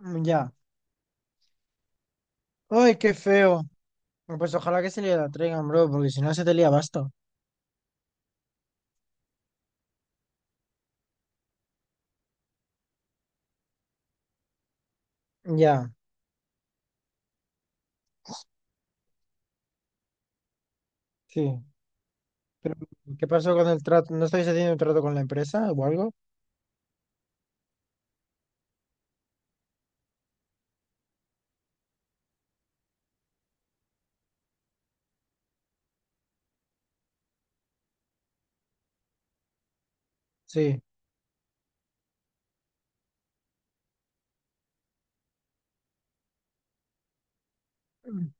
Mm, ya. ¡Ay, qué feo! Bueno, pues ojalá que se le la traigan, bro, porque si no se te lía basta. Ya, sí. Pero, ¿qué pasó con el trato? ¿No estáis haciendo un trato con la empresa o algo? Sí. Mm.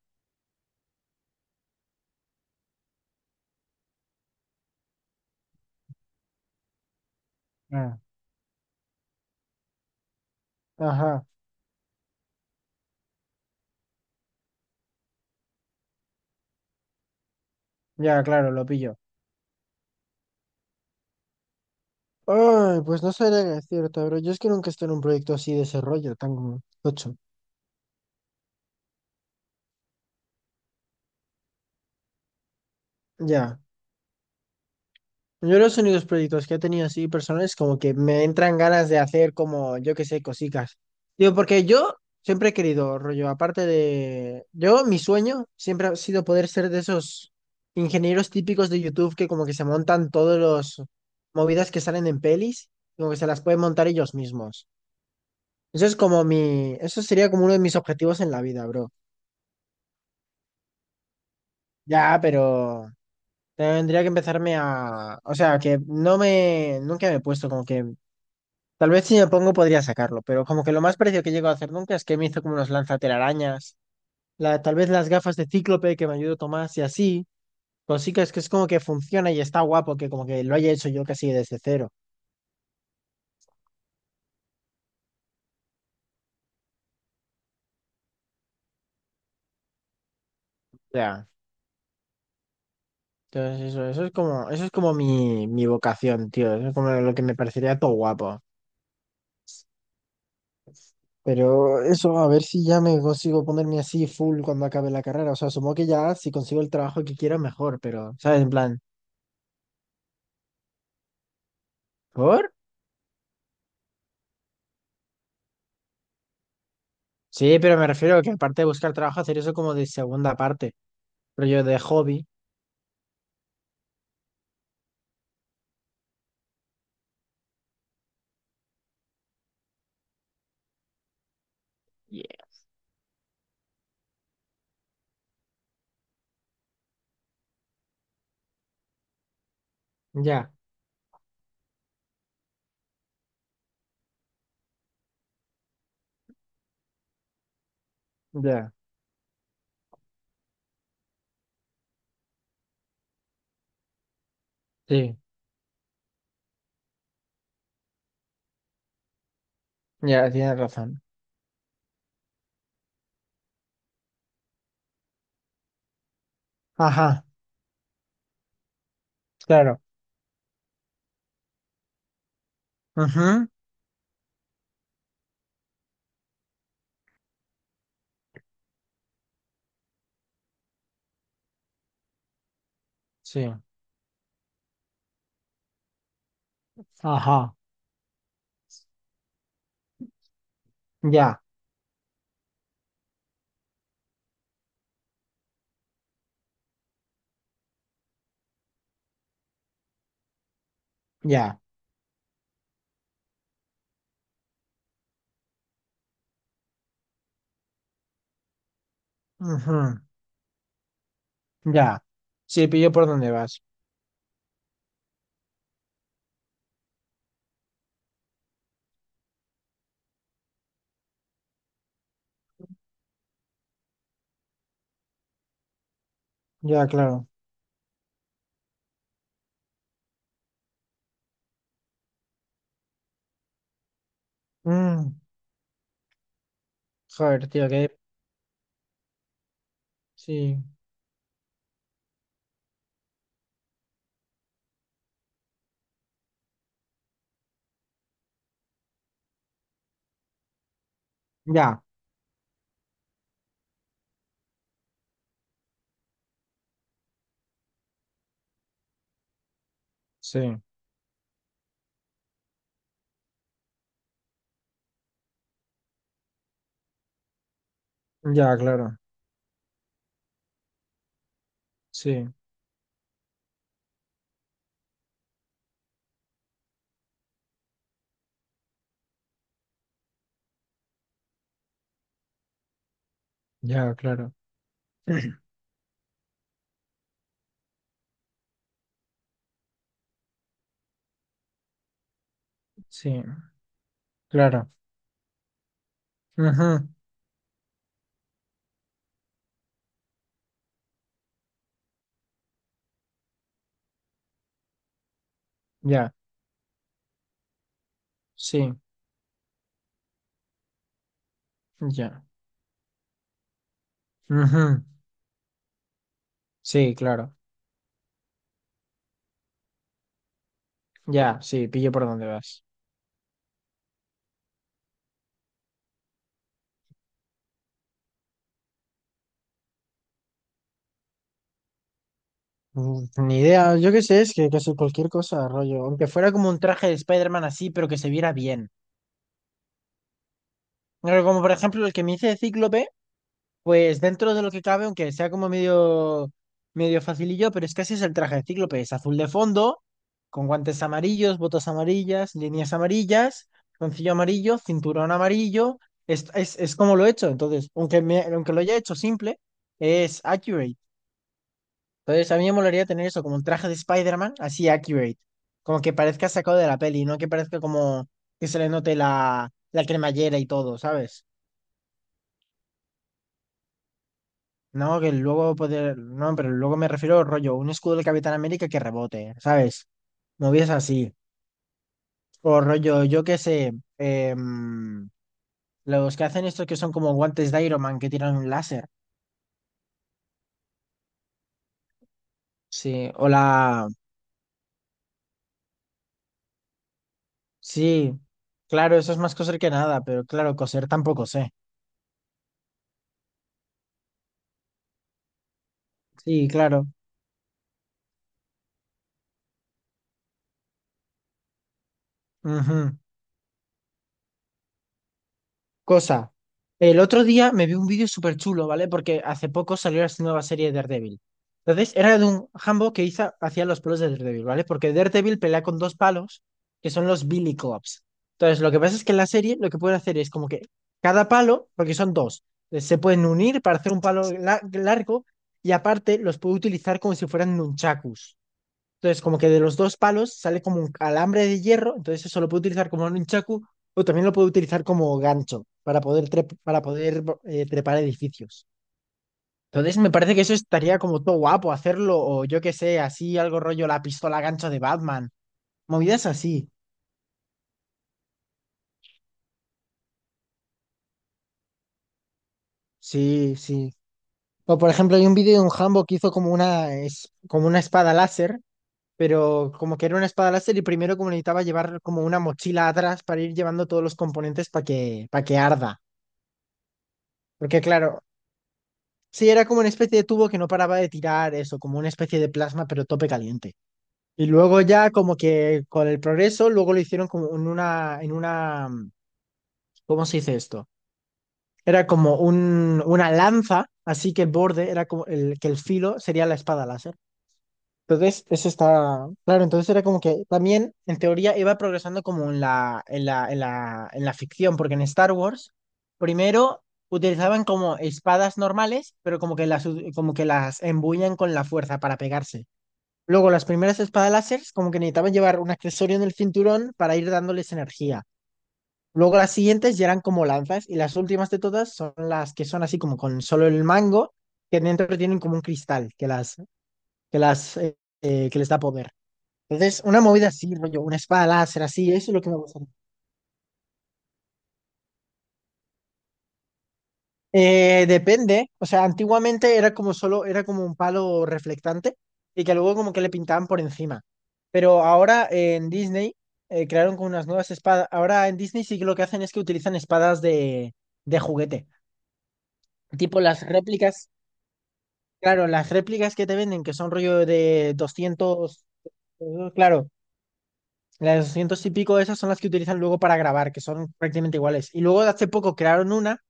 Ah, ajá. Ya, claro, lo pillo. Ay, pues no sabría qué decirte, bro. Yo es que nunca estoy en un proyecto así de ese rollo, tan tocho. Ya. Yo los únicos proyectos que he tenido así personales como que me entran ganas de hacer como, yo qué sé, cositas. Digo, porque yo siempre he querido, rollo, Yo, mi sueño siempre ha sido poder ser de esos ingenieros típicos de YouTube que como que se montan todos los movidas que salen en pelis, como que se las pueden montar ellos mismos. Eso sería como uno de mis objetivos en la vida, bro. Ya, pero... Tendría que empezarme a... O sea, que no me... Nunca me he puesto como que tal vez si me pongo podría sacarlo, pero como que lo más parecido que llego a hacer nunca es que me hizo como unos lanzatelarañas, tal vez las gafas de Cíclope que me ayudó Tomás y así, cositas que es como que funciona y está guapo que como que lo haya hecho yo casi desde cero. O sea, entonces eso es como, eso es como mi vocación, tío, eso es como lo que me parecería todo guapo. Pero eso, a ver si ya me consigo ponerme así full cuando acabe la carrera. O sea, supongo que ya si consigo el trabajo que quiero mejor, pero, ¿sabes? En plan, ¿por? Sí, pero me refiero a que aparte de buscar trabajo, hacer eso como de segunda parte, pero yo de hobby. Ya, ya, sí, ya, tienes razón. Ajá, claro. Ujú, sí. Ajá, ya, ya, ujú, ya. Sí, pillo por dónde vas. Ya, claro. Mm, joder, tío, que... Sí, ya, sí, ya, claro. Sí, ya, claro. Sí, claro. Ujú, ya, sí, ya. Ujú, sí, claro. Ya, sí, pillo por dónde vas. Ni idea, yo qué sé, es que casi cualquier cosa, rollo. Aunque fuera como un traje de Spider-Man así, pero que se viera bien. Pero como por ejemplo el que me hice de Cíclope, pues dentro de lo que cabe, aunque sea como medio, medio facilillo, pero es que así es el traje de Cíclope. Es azul de fondo, con guantes amarillos, botas amarillas, líneas amarillas, concillo amarillo, cinturón amarillo. Es como lo he hecho. Entonces, aunque lo haya hecho simple, es accurate. Entonces, a mí me molaría tener eso, como un traje de Spider-Man, así accurate. Como que parezca sacado de la peli, no que parezca como que se le note la cremallera y todo, ¿sabes? No, que luego poder. No, pero luego me refiero rollo, un escudo del Capitán América que rebote, ¿sabes? Movies así. O rollo, yo qué sé. em, los que hacen esto que son como guantes de Iron Man que tiran un láser. Sí, o la. Sí, claro, eso es más coser que nada, pero claro, coser tampoco sé. Sí, claro. Ujú. Cosa, el otro día me vi un vídeo súper chulo, ¿vale? Porque hace poco salió esta nueva serie de Daredevil. Entonces, era de un jambo que hacía los palos de Daredevil, ¿vale? Porque Daredevil pelea con dos palos, que son los Billy Clubs. Entonces, lo que pasa es que en la serie lo que pueden hacer es como que cada palo, porque son dos, se pueden unir para hacer un palo largo y aparte los puede utilizar como si fueran nunchakus. Entonces, como que de los dos palos sale como un alambre de hierro, entonces eso lo puede utilizar como un chaku o también lo puede utilizar como gancho para poder, para poder trepar edificios. Entonces, me parece que eso estaría como todo guapo hacerlo, o yo qué sé, así algo rollo la pistola gancho de Batman. Movidas así. Sí, sí. O por ejemplo, hay un vídeo de un Hambo que hizo como como una espada láser, pero como que era una espada láser y primero como necesitaba llevar como una mochila atrás para ir llevando todos los componentes para que arda. Porque claro, sí, era como una especie de tubo que no paraba de tirar eso, como una especie de plasma, pero tope caliente. Y luego ya como que con el progreso, luego lo hicieron como ¿cómo se dice esto? Era como una lanza, así que el borde era como el, que el filo sería la espada láser. Entonces, eso está claro. Entonces era como que también, en teoría, iba progresando como en la ficción, porque en Star Wars, primero utilizaban como espadas normales, pero como que como que las embuían con la fuerza para pegarse. Luego, las primeras espadas láseres, como que necesitaban llevar un accesorio en el cinturón para ir dándoles energía. Luego, las siguientes ya eran como lanzas, y las últimas de todas son las que son así como con solo el mango, que dentro tienen como un cristal que las, eh, que les da poder. Entonces, una movida así, rollo, una espada láser así, eso es lo que me gustaría. Depende, o sea, antiguamente era como solo, era como un palo reflectante y que luego como que le pintaban por encima. Pero ahora en Disney crearon como unas nuevas espadas. Ahora en Disney sí que lo que hacen es que utilizan espadas de juguete. Tipo las réplicas, claro, las réplicas que te venden, que son rollo de 200 claro, las 200 y pico, esas son las que utilizan luego para grabar, que son prácticamente iguales. Y luego hace poco crearon una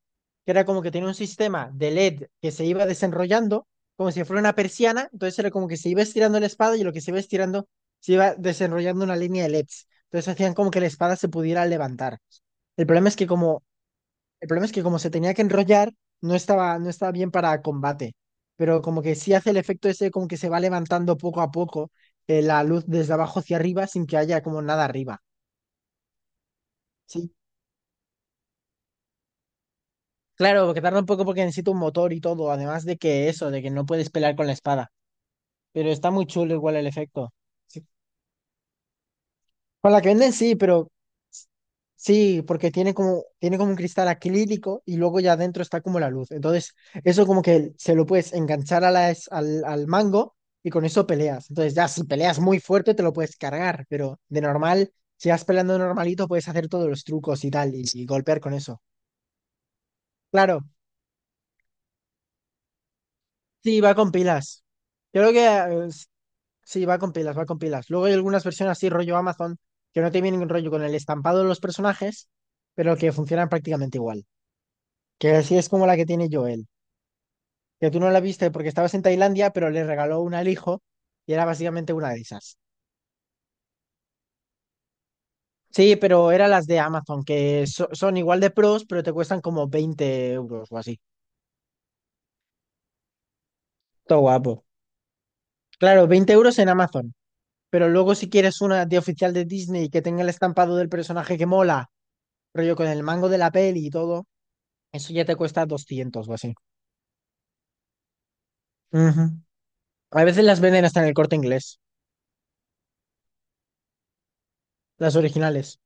que era como que tenía un sistema de LED que se iba desenrollando, como si fuera una persiana, entonces era como que se iba estirando la espada y lo que se iba estirando se iba desenrollando una línea de LEDs. Entonces hacían como que la espada se pudiera levantar. El problema es que como, el problema es que como se tenía que enrollar, no estaba bien para combate, pero como que sí hace el efecto ese como que se va levantando poco a poco la luz desde abajo hacia arriba sin que haya como nada arriba. Sí, claro, porque tarda un poco porque necesita un motor y todo, además de que eso, de que no puedes pelear con la espada. Pero está muy chulo igual el efecto. Sí. Con la que venden sí, pero sí, porque tiene como un cristal acrílico y luego ya adentro está como la luz. Entonces, eso como que se lo puedes enganchar a al mango y con eso peleas. Entonces, ya si peleas muy fuerte te lo puedes cargar, pero de normal, si vas peleando normalito, puedes hacer todos los trucos y tal y golpear con eso. Claro, sí, va con pilas. Creo que Sí, va con pilas, va con pilas. Luego hay algunas versiones así, rollo Amazon, que no te vienen rollo con el estampado de los personajes, pero que funcionan prácticamente igual. Que así es como la que tiene Joel. Que tú no la viste porque estabas en Tailandia, pero le regaló una al hijo y era básicamente una de esas. Sí, pero eran las de Amazon, que son igual de pros, pero te cuestan como 20 euros o así. Todo guapo. Claro, 20 euros en Amazon. Pero luego si quieres una de oficial de Disney que tenga el estampado del personaje que mola, rollo con el mango de la peli y todo. Eso ya te cuesta 200 o así. Ujú. A veces las venden hasta en el Corte Inglés, las originales.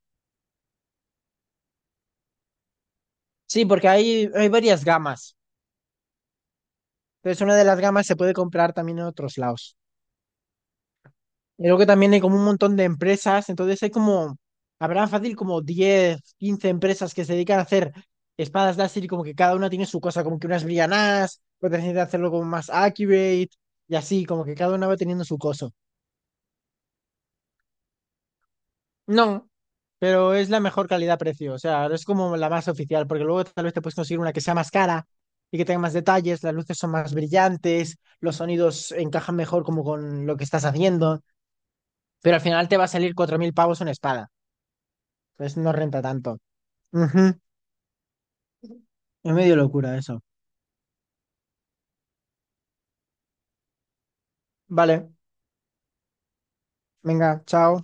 Sí, porque hay varias gamas. Entonces una de las gamas se puede comprar también en otros lados. Y luego también hay como un montón de empresas, entonces habrá fácil como 10 15 empresas que se dedican a hacer espadas láser y como que cada una tiene su cosa, como que unas brillan más, otras intentan hacerlo como más accurate y así, como que cada una va teniendo su cosa. No, pero es la mejor calidad-precio. O sea, es como la más oficial, porque luego tal vez te puedes conseguir una que sea más cara y que tenga más detalles, las luces son más brillantes, los sonidos encajan mejor como con lo que estás haciendo, pero al final te va a salir 4.000 pavos una espada. Entonces no renta tanto. Ujú, es medio locura eso. Vale, venga, chao.